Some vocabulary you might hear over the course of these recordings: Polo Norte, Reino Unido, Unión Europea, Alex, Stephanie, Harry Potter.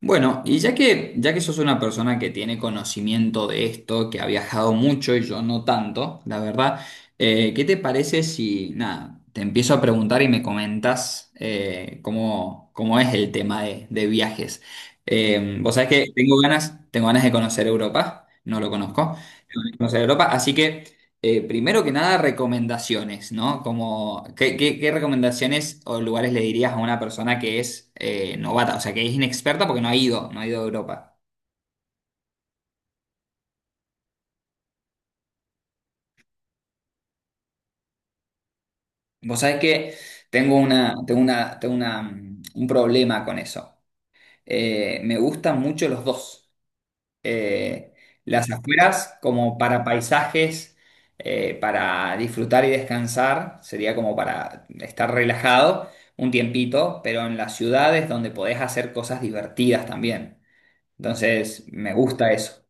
Bueno, y ya que sos una persona que tiene conocimiento de esto, que ha viajado mucho y yo no tanto, la verdad, ¿qué te parece si, nada, te empiezo a preguntar y me comentas cómo, ¿cómo es el tema de viajes? Vos sabés que tengo ganas de conocer Europa, no lo conozco, tengo ganas de conocer Europa, así que primero que nada, recomendaciones, ¿no? Como, ¿qué, qué recomendaciones o lugares le dirías a una persona que es novata, o sea, que es inexperta porque no ha ido, no ha ido a Europa? Vos sabés que un problema con eso. Me gustan mucho los dos. eh, las afueras como para paisajes, para disfrutar y descansar, sería como para estar relajado un tiempito, pero en las ciudades donde podés hacer cosas divertidas también. Entonces, me gusta eso.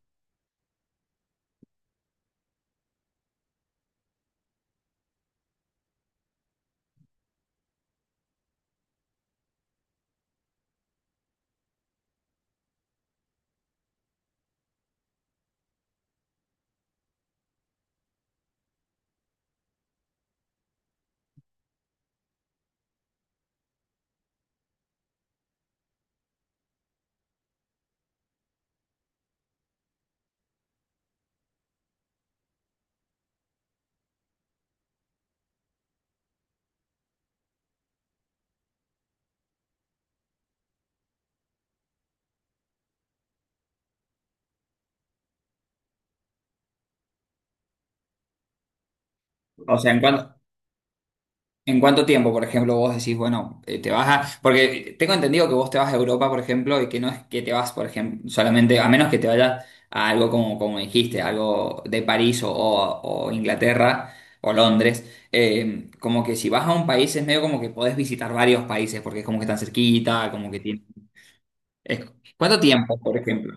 O sea, ¿en cuánto tiempo, por ejemplo, vos decís, bueno, te vas a... Porque tengo entendido que vos te vas a Europa, por ejemplo, y que no es que te vas, por ejemplo, solamente, a menos que te vayas a algo como, como dijiste, algo de París o Inglaterra o Londres, como que si vas a un país es medio como que podés visitar varios países, porque es como que están cerquita, como que tiene... es- ¿Cuánto tiempo, por ejemplo?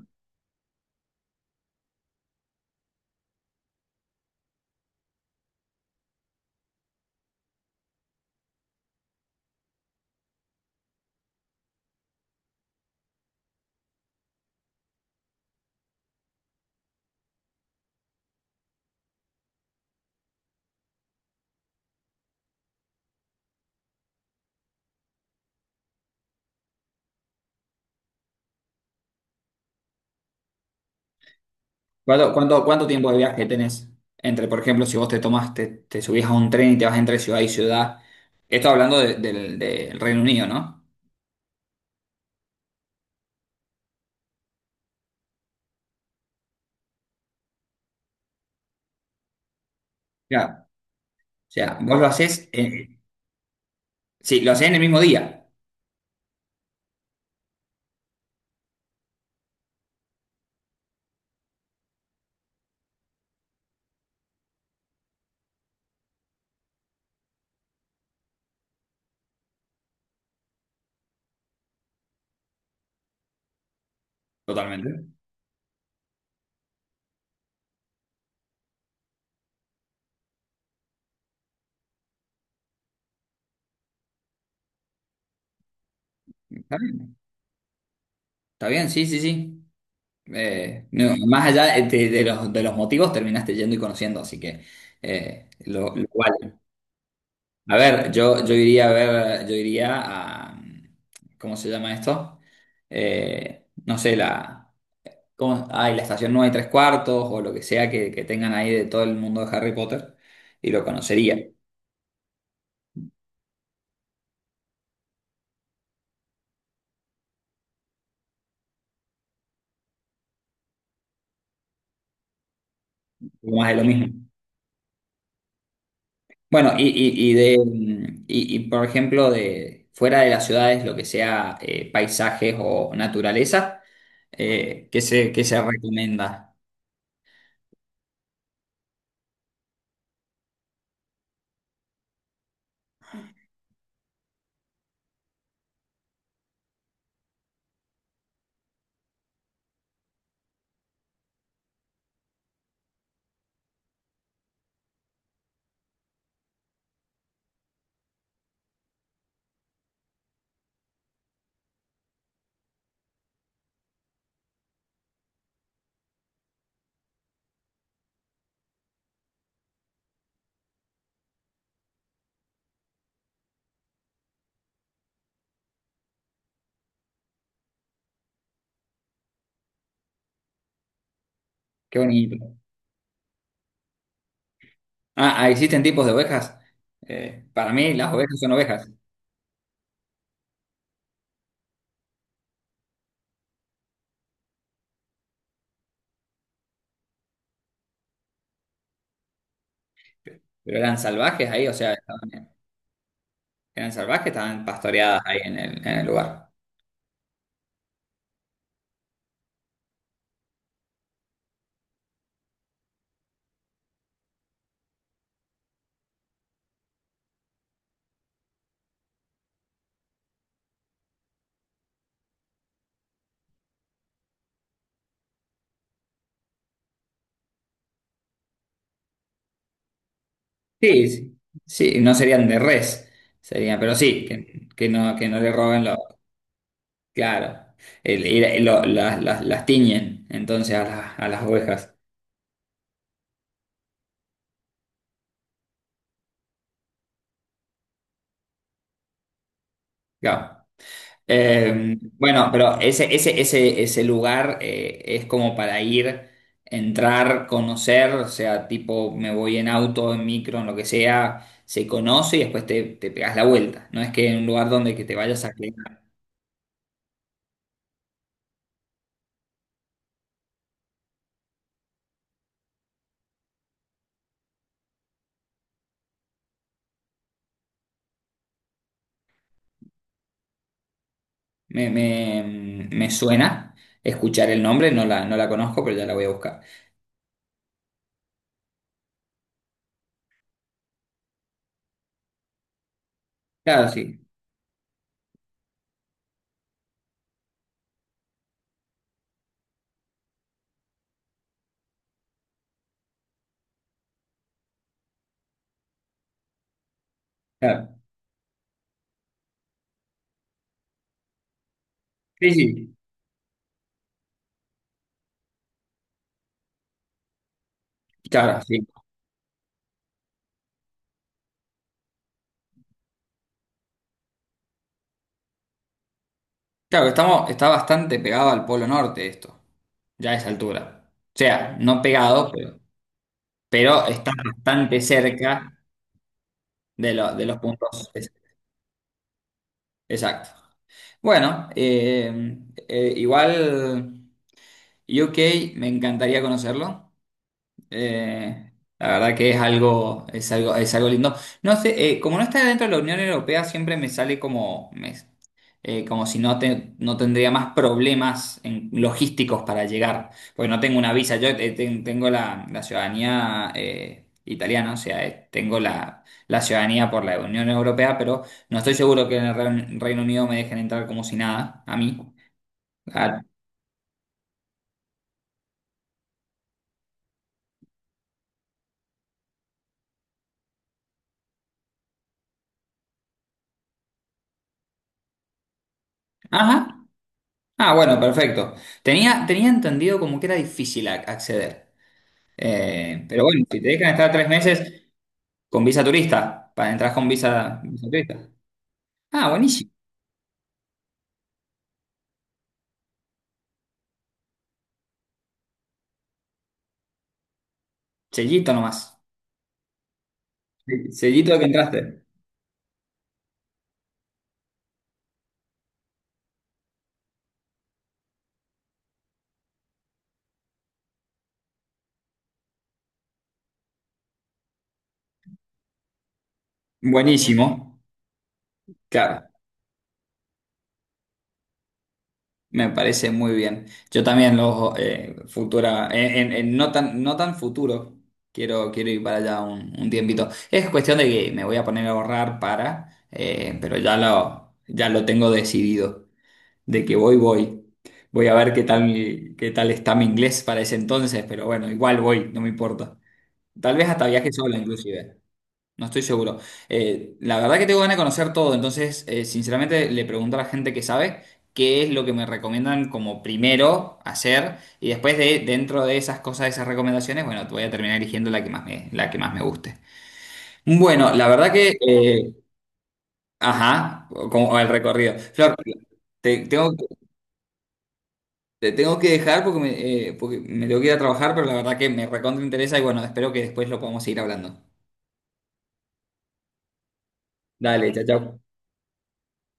Cuánto tiempo de viaje tenés? Entre, por ejemplo, si vos te tomás, te subís a un tren y te vas entre ciudad y ciudad. Esto hablando del del Reino Unido, ¿no? Claro. O sea, vos lo haces, sí, lo hacés en el mismo día, totalmente. Está bien, está bien, sí, sí, sí. No, más allá de los motivos, terminaste yendo y conociendo, así que lo vale. A ver, yo iría a ver, yo iría a, ¿cómo se llama esto? No sé, la... como, ay, la estación 9 y tres cuartos o lo que sea que tengan ahí de todo el mundo de Harry Potter y lo conocería. Más de lo mismo. Bueno, y de, mm, y, por ejemplo, de fuera de las ciudades, lo que sea paisajes o naturaleza, qué se recomienda? Qué bonito. Ah, ah, existen tipos de ovejas. Para mí las ovejas son ovejas, pero eran salvajes ahí, o sea, eran salvajes, estaban pastoreadas ahí en el lugar. Sí, sí, sí, no serían de res, serían, pero sí, que no le roben los, claro, las tiñen entonces a las ovejas, claro. Bueno, pero ese lugar es como para ir, entrar, conocer, o sea, tipo me voy en auto, en micro, en lo que sea, se conoce y después te, te pegas la vuelta, no es que en un lugar donde que te vayas a quedar. Me, me, me suena escuchar el nombre, no la, no la conozco, pero ya la voy a buscar. Claro, sí, claro. Sí, sí. Claro, sí. Claro, estamos, está bastante pegado al Polo Norte esto, ya a esa altura. O sea, no pegado, pero está bastante cerca de los puntos. Exacto. Bueno, igual UK me encantaría conocerlo. Eh, la verdad que es algo, es algo, es algo lindo. No sé, como no está dentro de la Unión Europea, siempre me sale como, como si no, no tendría más problemas logísticos para llegar, porque no tengo una visa. Yo tengo la, la ciudadanía italiana, o sea, tengo la, la ciudadanía por la Unión Europea, pero no estoy seguro que en el Reino Unido me dejen entrar como si nada, a mí. Ah, ajá, ah, bueno, perfecto. Tenía, tenía entendido como que era difícil acceder. Pero bueno, si te dejan estar tres meses con visa turista, para entrar con visa, visa turista. Ah, buenísimo. Sellito nomás. Sí, sellito de que entraste. Buenísimo. Claro, me parece muy bien. Yo también los futura, en no tan, no tan futuro, quiero, quiero ir para allá un tiempito. Es cuestión de que me voy a poner a ahorrar para, pero ya lo tengo decidido. De que voy, voy. Voy a ver qué tal está mi inglés para ese entonces, pero bueno, igual voy, no me importa. Tal vez hasta viaje sola inclusive, no estoy seguro. La verdad que tengo ganas de conocer todo, entonces sinceramente le pregunto a la gente que sabe qué es lo que me recomiendan como primero hacer y después de dentro de esas cosas, de esas recomendaciones, bueno, voy a terminar eligiendo la que más me, la que más me guste. Bueno, la verdad que, ajá, como el recorrido. Flor, te, tengo, te tengo que dejar porque porque me tengo que ir a trabajar, pero la verdad que me recontra interesa y bueno, espero que después lo podamos seguir hablando. Dale, chao, chao.